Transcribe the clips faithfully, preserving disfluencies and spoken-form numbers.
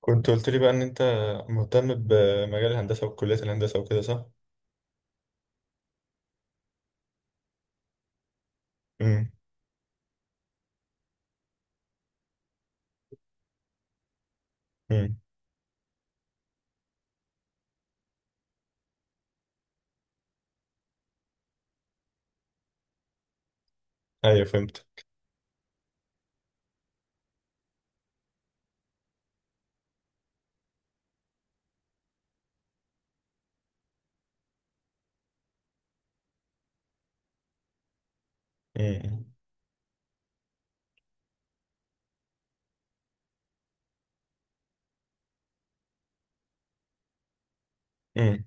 كنت قلت لي بقى ان انت مهتم بمجال الهندسه وكليه الهندسه وكده، صح؟ امم. امم. ايوه، فهمت. امم. امم.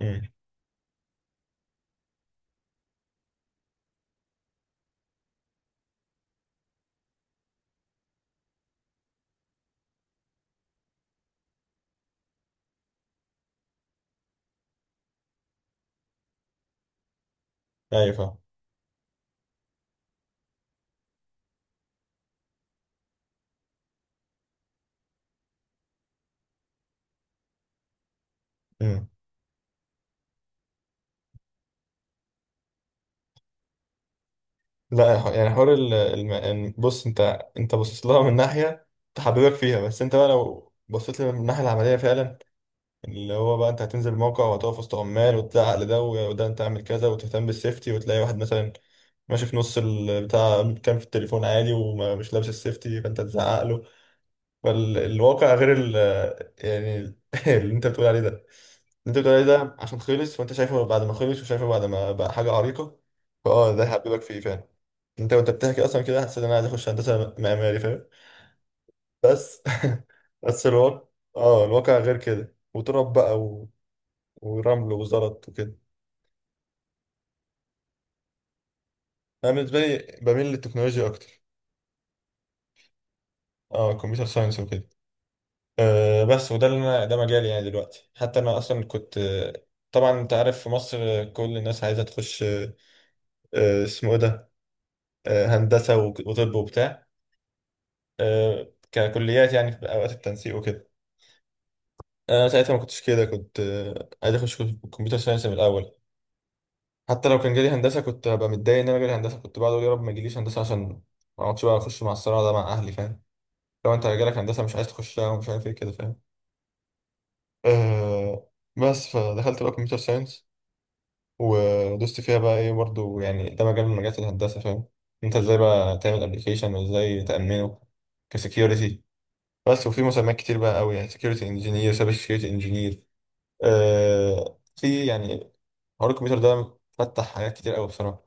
امم. ايوه، فاهم. امم. لا، ح- يعني حوار ال... الم... إن- بص انت، انت باصص لها من ناحيه تحببك فيها، بس انت بقى لو بصيت لها من الناحيه العمليه فعلا، اللي هو بقى انت هتنزل موقع وهتقف وسط عمال وتزعق لده و- وده، انت اعمل كذا وتهتم بالسيفتي، وتلاقي واحد مثلا ماشي في نص البتاع كان في التليفون عادي ومش لابس السيفتي، فانت تزعق. فالواقع غير ال يعني ال- اللي انت بتقول عليه ده، اللي انت بتقول عليه ده عشان خلص، وانت شايفه بعد ما خلص، وشايفه بعد ما بقى حاجة عريقة. فاه، ده هيحببك فيه فعلا. انت وانت بتحكي اصلا كده حسيت ان انا عايز اخش هندسة معماري، فاهم؟ بس، بس الواقع، اه، الواقع غير كده وتراب بقى و... ورمل وزلط وكده. انا بالنسبة لي بميل للتكنولوجيا اكتر. اه، كمبيوتر ساينس وكده. أه بس، وده اللي انا ده مجالي يعني دلوقتي، حتى انا اصلا كنت، آه، طبعا انت عارف في مصر آه، كل الناس عايزه تخش، آه، آه، اسمه ايه ده؟ آه، هندسه وك- وطب وبتاع. أه، ككليات يعني في اوقات التنسيق وكده. انا ساعتها ما كنتش كده، كنت آه، عايز اخش كمبيوتر ساينس من الاول. حتى لو كان جالي هندسه كنت هبقى متضايق ان انا جالي هندسه، كنت بقعد اقول يا رب ما يجيليش هندسه عشان ما اقعدش بقى اخش مع الصراع ده مع اهلي، فاهم؟ لو انت جالك هندسه مش عايز تخشها ومش عارف ايه كده، فاهم؟ أه. بس فدخلت بقى كمبيوتر ساينس. ودوست فيها بقى ايه برضو، يعني ده مجال من مجالات الهندسة، فاهم؟ انت ازاي بقى تعمل ابلكيشن وازاي تأمنه كسكيورتي. بس، وفي مسميات كتير بقى قوي، يعني سكيورتي انجينير، سايبر سكيورتي انجينير. آه في يعني حوار الكمبيوتر ده فتح حاجات كتير قوي بصراحة.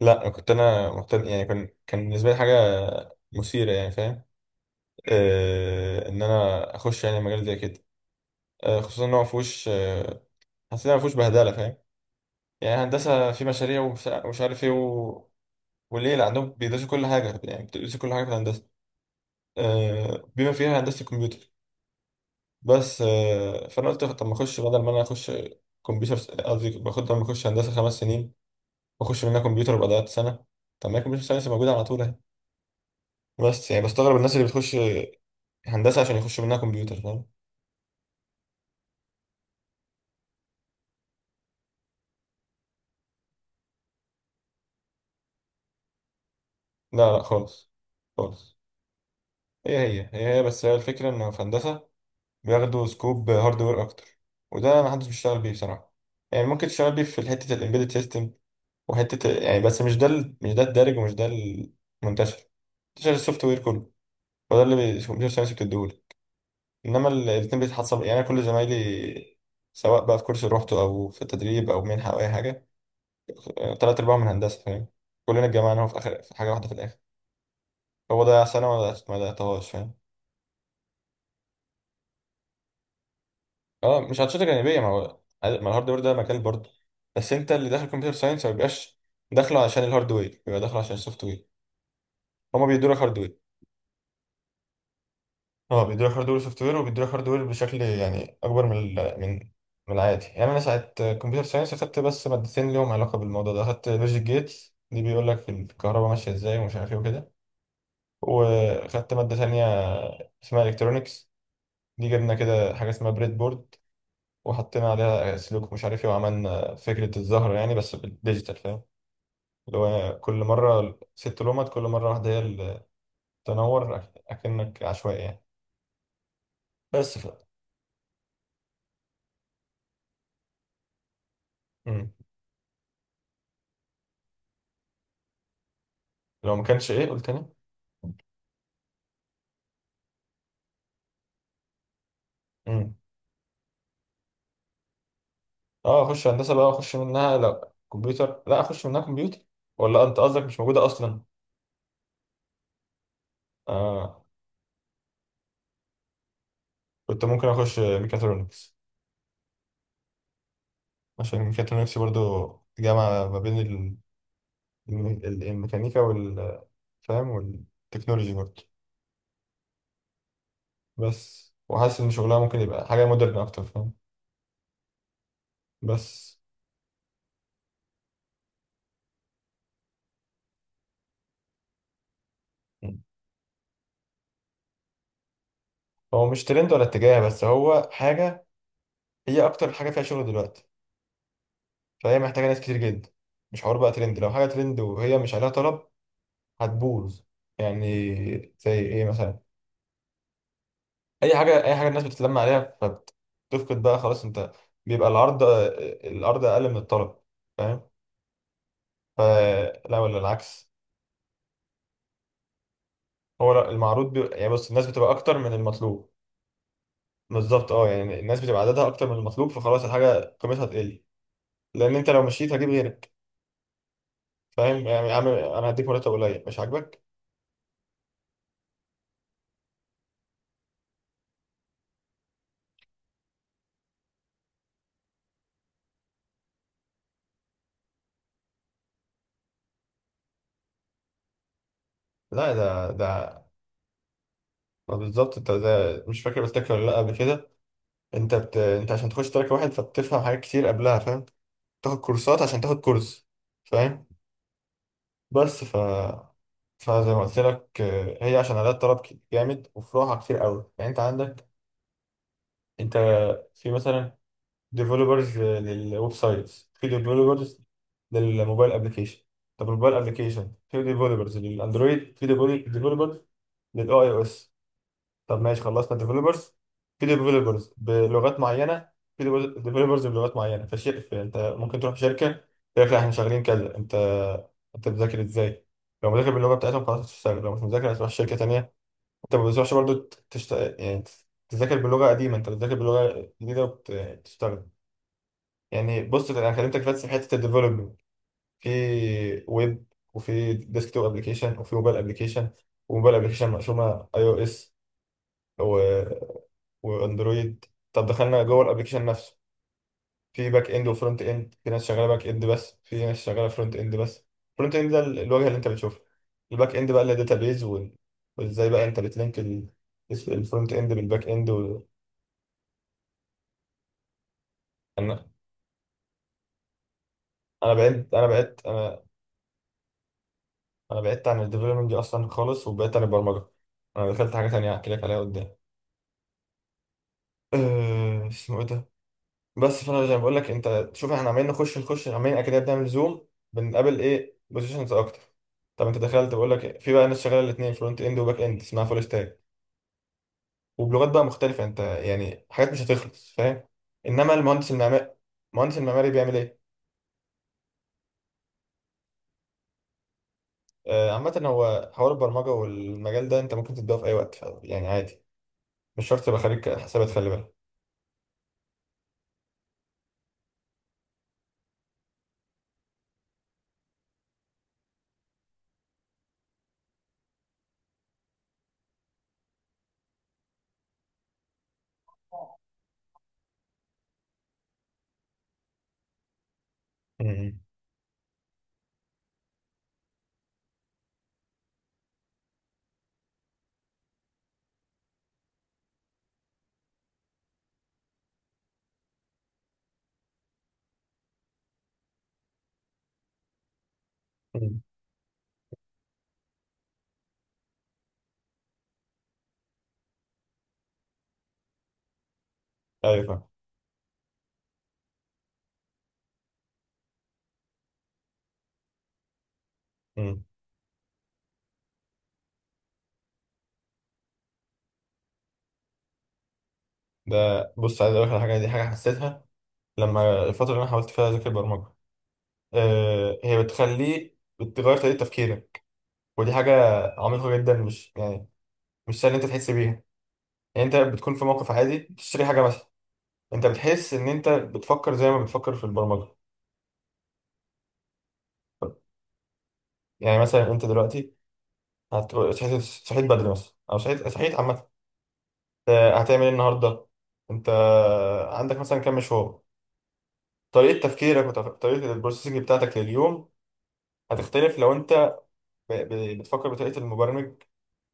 لا كنت انا مهتم، يعني كان كان بالنسبة لي حاجة مثيرة يعني، فاهم؟ آه ان انا اخش يعني مجال زي كده. آه خصوصا ان هو مفهوش، آه حسيت ان هو مفهوش بهدلة، فاهم؟ يعني هندسة في مشاريع ومش ومش عارف ايه. وليه اللي عندهم بيدرسوا كل حاجة، يعني بتدرسوا كل حاجة في الهندسة، آه، بما فيها هندسة الكمبيوتر. بس آه، فأنا قلت طب ما أخش بدل ما أنا أخش كمبيوتر. قصدي باخد بدل ما أخش هندسة خمس سنين، وأخش منها كمبيوتر يبقى ضيعت سنة. طب ما هي كمبيوتر ساينس موجودة على طول أهي. بس يعني بستغرب الناس اللي بتخش هندسة عشان يخش منها كمبيوتر، فاهم؟ لا، لا، خالص. خالص. هي هي هي هي بس، هي الفكرة إن في هندسة بياخدوا سكوب هاردوير أكتر. وده محدش بيشتغل بيه بصراحة. يعني ممكن تشتغل بيه في حتة الإمبيدد سيستم، وحته يعني، بس مش ده ال- مش ده الدارج ومش ده المنتشر. منتشر السوفت وير كله. وده اللي كمبيوتر ساينس بتديهوله. انما ال- الاتنين بيتحصل، يعني أنا كل زمايلي، سواء بقى في كورس روحته او في تدريب او منحه او اي حاجه، آه، تلات ارباعهم من هندسه، فاهم؟ كلنا اتجمعنا هو في اخر في حاجه واحده في الاخر. هو ضيع سنه وما ما ضيعتهاش، فاهم؟ اه، مش هتشتغل جانبيه، ما هو ما الهاردوير ده مجال برضه. بس انت اللي داخل كمبيوتر ساينس ما بيبقاش داخله عشان الهاردوير، بيبقى داخله عشان السوفت وير. هما بيدوا لك هاردوير. اه، بيدوا لك هاردوير وسوفت وير، وبيدوا لك هاردوير بشكل يعني اكبر من ال- من من العادي. يعني انا ساعه كمبيوتر ساينس اخدت بس مادتين ليهم علاقه بالموضوع ده، اخدت لوجيك جيتس، دي بيقول لك الكهرباء ماشيه ازاي ومش عارف ايه وكده. واخدت ماده تانية اسمها الكترونكس. دي جبنا كده حاجه اسمها بريد بورد، وحطينا عليها سلوك مش عارف ايه، وعملنا فكره الزهر يعني بس بالديجيتال، فاهم؟ اللي هو كل مره ست لومات، كل مره واحده هي اللي تنور، أك- اكنك عشوائي يعني. بس، ف... مم. لو ما كانش ايه، قلت تاني؟ امم. اه، اخش هندسه بقى، اخش منها لا كمبيوتر، لا اخش منها كمبيوتر. ولا انت قصدك مش موجوده اصلا؟ آه، كنت ممكن اخش ميكاترونكس. عشان ميكاترونكس برضو جامعه ما بين ال- الم- ال- الميكانيكا وال فاهم، والتكنولوجي برضو. بس، وحاسس ان شغلها ممكن يبقى حاجه مودرن اكتر، فاهم؟ بس. مم. هو مش ترند ولا اتجاه، بس هو حاجه، هي اكتر حاجه فيها شغل دلوقتي. فهي محتاجه ناس كتير جدا. مش حوار بقى ترند، لو حاجه ترند وهي مش عليها طلب هتبوظ يعني. زي ايه مثلا؟ اي حاجه اي حاجه الناس بتتلم عليها، فبتفقد بقى خلاص، انت، بيبقى العرض العرض اقل من الطلب، فاهم؟ فلا، ولا العكس. هو لا، المعروض بي... يعني بص الناس بتبقى اكتر من المطلوب. بالظبط اه، يعني الناس بتبقى عددها اكتر من المطلوب، فخلاص الحاجه قيمتها تقل. لان انت لو مشيت هجيب غيرك. فاهم؟ يعني يا عم انا هديك مرتب قليل مش عاجبك. لا، ده ده ما بالظبط، انت ده مش فاكر قلت لك ولا لا قبل كده؟ انت بت... انت عشان تخش تراك واحد فبتفهم حاجات كتير قبلها، فاهم؟ تاخد كورسات عشان تاخد كورس، فاهم؟ بس، ف فزي ما قلت لك، آه، هي عشان عدد طلب ك- جامد وفروعها كتير قوي، يعني انت عندك، انت في مثلا ديفلوبرز للويب سايتس، في ديفلوبرز للموبايل ابلكيشن. طب الموبايل ابلكيشن، في ديفلوبرز للاندرويد، في ديفلوبرز للاي او اس. طب ماشي خلصنا ديفلوبرز، في ديفلوبرز بلغات معينه، في ديفلوبرز بلغات معينه فشيء انت ممكن تروح شركه تقول لك لا احنا شغالين كذا، انت، انت بتذاكر ازاي؟ لو مذاكر باللغه بتاعتهم خلاص هتشتغل، لو مش مذاكر هتروح شركه تانيه. انت ما بتروحش برضه تشت... يعني تذاكر بلغه قديمه، انت بتذاكر بلغه جديده وبتشتغل. يعني بص، انا كلمتك بس في حته الديفلوبمنت، في ويب، وفي ديسكتوب ابلكيشن، وفي موبايل ابلكيشن. وموبايل ابلكيشن مقسومه اي او اس واندرويد. طب دخلنا جوه الابلكيشن نفسه، في باك اند وفرونت اند، في ناس شغاله باك اند بس، في ناس شغاله فرونت اند بس. فرونت اند ده ال- الواجهه اللي انت بتشوفها. الباك اند بقى اللي داتابيز وال... وازاي بقى انت بتلينك ال... الفرونت اند بالباك اند وال... انا انا بعدت انا بعدت انا انا بعدت عن الديفلوبمنت دي اصلا خالص، وبعدت عن البرمجه. انا دخلت حاجه تانية هحكي لك عليها قدام. أه... اسمه ايه ده؟ بس فانا زي ما بقول لك، انت شوف احنا عمالين نخش نخش، عمالين اكيد بنعمل زوم، بنقابل ايه، بوزيشنز اكتر. طب انت دخلت، بقول لك في بقى ناس شغاله الاثنين فرونت اند وباك اند، اسمها فول ستاك. وبلغات بقى مختلفه، انت يعني حاجات مش هتخلص، فاهم؟ انما المهندس المعماري المهندس المعماري بيعمل ايه؟ آه عامه هو حوار البرمجه والمجال ده انت ممكن تبداه في اي وقت، ف- يعني عادي. مش شرط تبقى خريج حسابات، خلي بالك. مم. مم. ايوه، فاهم. مم. ده بص، عايز اقول لك على حاجه، دي حاجه حسيتها لما الفتره اللي انا حاولت فيها اذاكر برمجه. آه، هي بتخليه بتغير طريقة تفكيرك. ودي حاجة عميقة جدا، مش يعني مش سهل إن أنت تحس بيها. يعني أنت بتكون في موقف عادي بتشتري حاجة مثلا، أنت بتحس إن أنت بتفكر زي ما بتفكر في البرمجة. يعني مثلا أنت دلوقتي هت- صحيت صحيت بدري مثلا، أو صحيت صحيت عامة، آه، هتعمل إيه النهاردة؟ أنت عندك مثلا كام مشوار؟ طريقة تفكيرك وطريقة البروسيسنج بتاعتك لليوم هتختلف لو أنت ب- ب- بتفكر بطريقة المبرمج،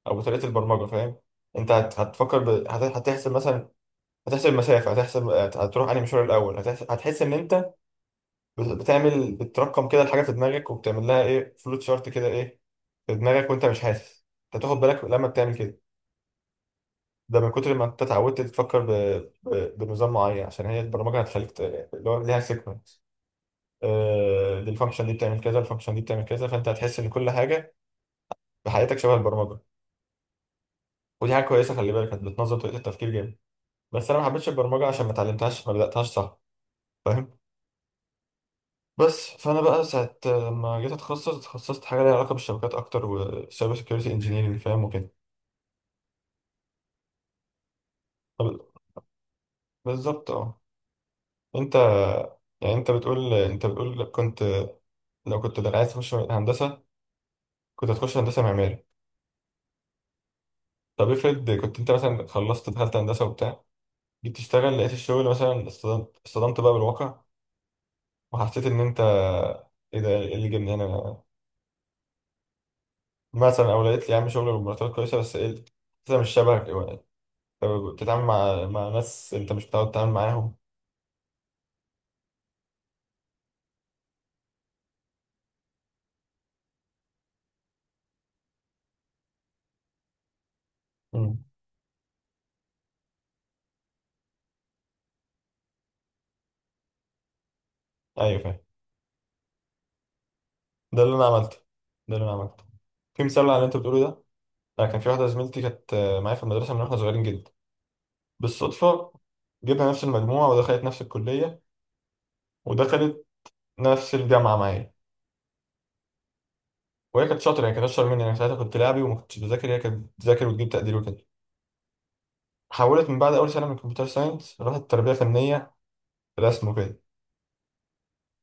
او بطريقه البرمجه، فاهم؟ انت هت- هتفكر ب... هت- هتحسب مثلا، هتحسب المسافه، هتحسب هت- هتروح انهي مشوار الاول، هتحس... هتحس ان انت بت- بتعمل بترقم كده الحاجه في دماغك، وبتعمل لها ايه، فلوت شارت كده ايه في دماغك، وانت مش حاسس. انت تاخد بالك لما بتعمل كده، ده من كتر ما انت اتعودت تفكر ب... ب... بنظام معين، عشان هي البرمجه هتخليك، ت- اللي هو ليها سيكونس. آه... الفانكشن دي بتعمل كذا، الفانكشن دي بتعمل كذا، فانت هتحس ان كل حاجه في حياتك شبه البرمجه. ودي حاجه كويسه، خلي بالك، هت- بتنظم طريقه التفكير جامد. بس انا ما حبيتش البرمجه عشان ما اتعلمتهاش، ما بداتهاش، صح؟ فاهم؟ بس فانا بقى ساعه ما جيت اتخصص، اتخصصت حاجه ليها علاقه بالشبكات اكتر، وسايبر سكيورتي انجينيرنج، فاهم؟ وكده. طب- بالظبط اه. انت يعني، انت بتقول انت بتقول كنت، لو كنت عايز تخش هندسه كنت هتخش هندسه معماري. طب افرض كنت انت مثلا خلصت دخلت هندسه وبتاع، جيت تشتغل لقيت الشغل مثلا اصطدمت اصطدمت بقى بالواقع، وحسيت ان انت، ايه ده؟ إيه اللي جبني هنا؟ مثلا، او لقيت لي يا عم شغل بمرتبات كويسه بس ايه، انت مش شبهك، إيه، طب، بتتعامل مع مع ناس انت مش متعود تتعامل معاهم. امم. ايوه، فاهم. ده اللي انا عملته، ده اللي انا عملته. في مثال على اللي انت بتقوله ده. انا كان في واحده زميلتي كانت آه، معايا في المدرسه من واحنا صغيرين جدا. بالصدفه، جبها نفس المجموعه، ودخلت نفس الكليه، ودخلت نفس الجامعه معايا. وهي كانت شاطره، يعني كانت اشطر مني، انا ساعتها كنت لاعبي وما كنتش بذاكر، هي كانت بتذاكر وتجيب تقدير وكده. حولت من بعد اول سنه من كمبيوتر ساينس راحت تربيه فنيه، رسم وكده.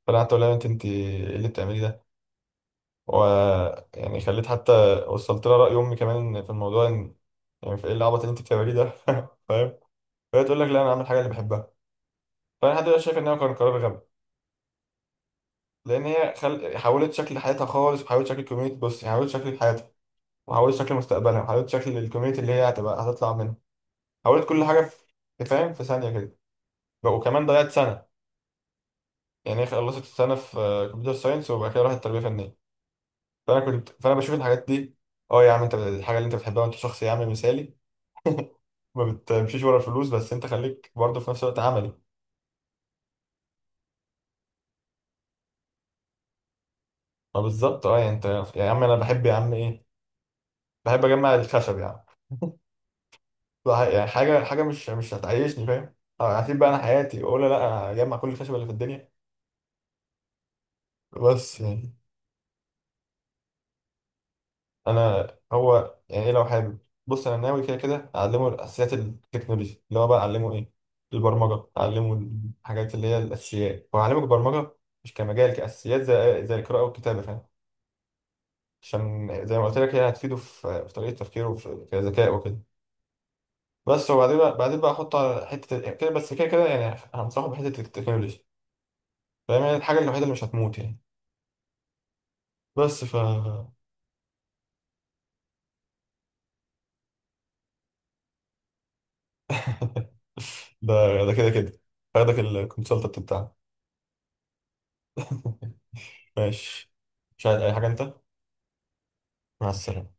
فقعدت اقول لها يا بنت، انت ايه اللي بتعملي ده؟ و، يعني خليت حتى وصلت لها راي امي كمان في الموضوع ان، يعني في ايه العبط اللي انت بتعمليه ده؟ فاهم؟ فهي تقول لك لا انا اعمل حاجه اللي بحبها. فانا لحد دلوقتي شايف ان هو كان قرار غبي. لان هي خل... حولت شكل حياتها خالص، وحولت شكل الكوميونتي، بص، حولت شكل حياتها، وحولت شكل مستقبلها، وحولت شكل الكوميونتي اللي هي هتبقى هتطلع منها. حولت كل حاجه، في فاهم؟ في ثانيه كده. وكمان ضيعت سنه، يعني هي خلصت السنه في كمبيوتر ساينس وبعد كده راحت تربيه فنيه. فانا كنت فانا بشوف الحاجات دي. اه يا عم، انت الحاجه اللي انت بتحبها، وانت شخص يا عم مثالي، ما بتمشيش ورا الفلوس، بس انت خليك برضه في نفس الوقت عملي. ما بالظبط اه، يعني انت، يا عم انا بحب يا عم ايه، بحب اجمع الخشب يا عم. بح- يعني حاجه حاجه مش مش هتعيشني، فاهم؟ اه، هسيب بقى انا حياتي واقول لا انا هجمع كل الخشب اللي في الدنيا. بس يعني، انا، هو يعني ايه لو حابب؟ بص انا ناوي كده كده اعلمه الاساسيات التكنولوجيا، اللي هو بقى اعلمه ايه، البرمجه، اعلمه الحاجات اللي هي الاساسيات واعلمه البرمجه. مش كمجال، كاساسيات زي زي القراءه والكتابه، فاهم؟ عشان زي ما قلت لك هي هتفيده في في طريقه تفكيره وفي كذكاء وكده. بس، وبعدين بقى بعدين بقى احطه على حته ال- كده، بس كده كده يعني هنصحه بحته التكنولوجيا. فاهم؟ يعني الحاجه الوحيده اللي مش هتموت يعني. بس، ف ده ده كده كده هاخدك الكونسلتنت بتاعنا. ماشي. مش عايز اي حاجه انت؟ مع السلامه.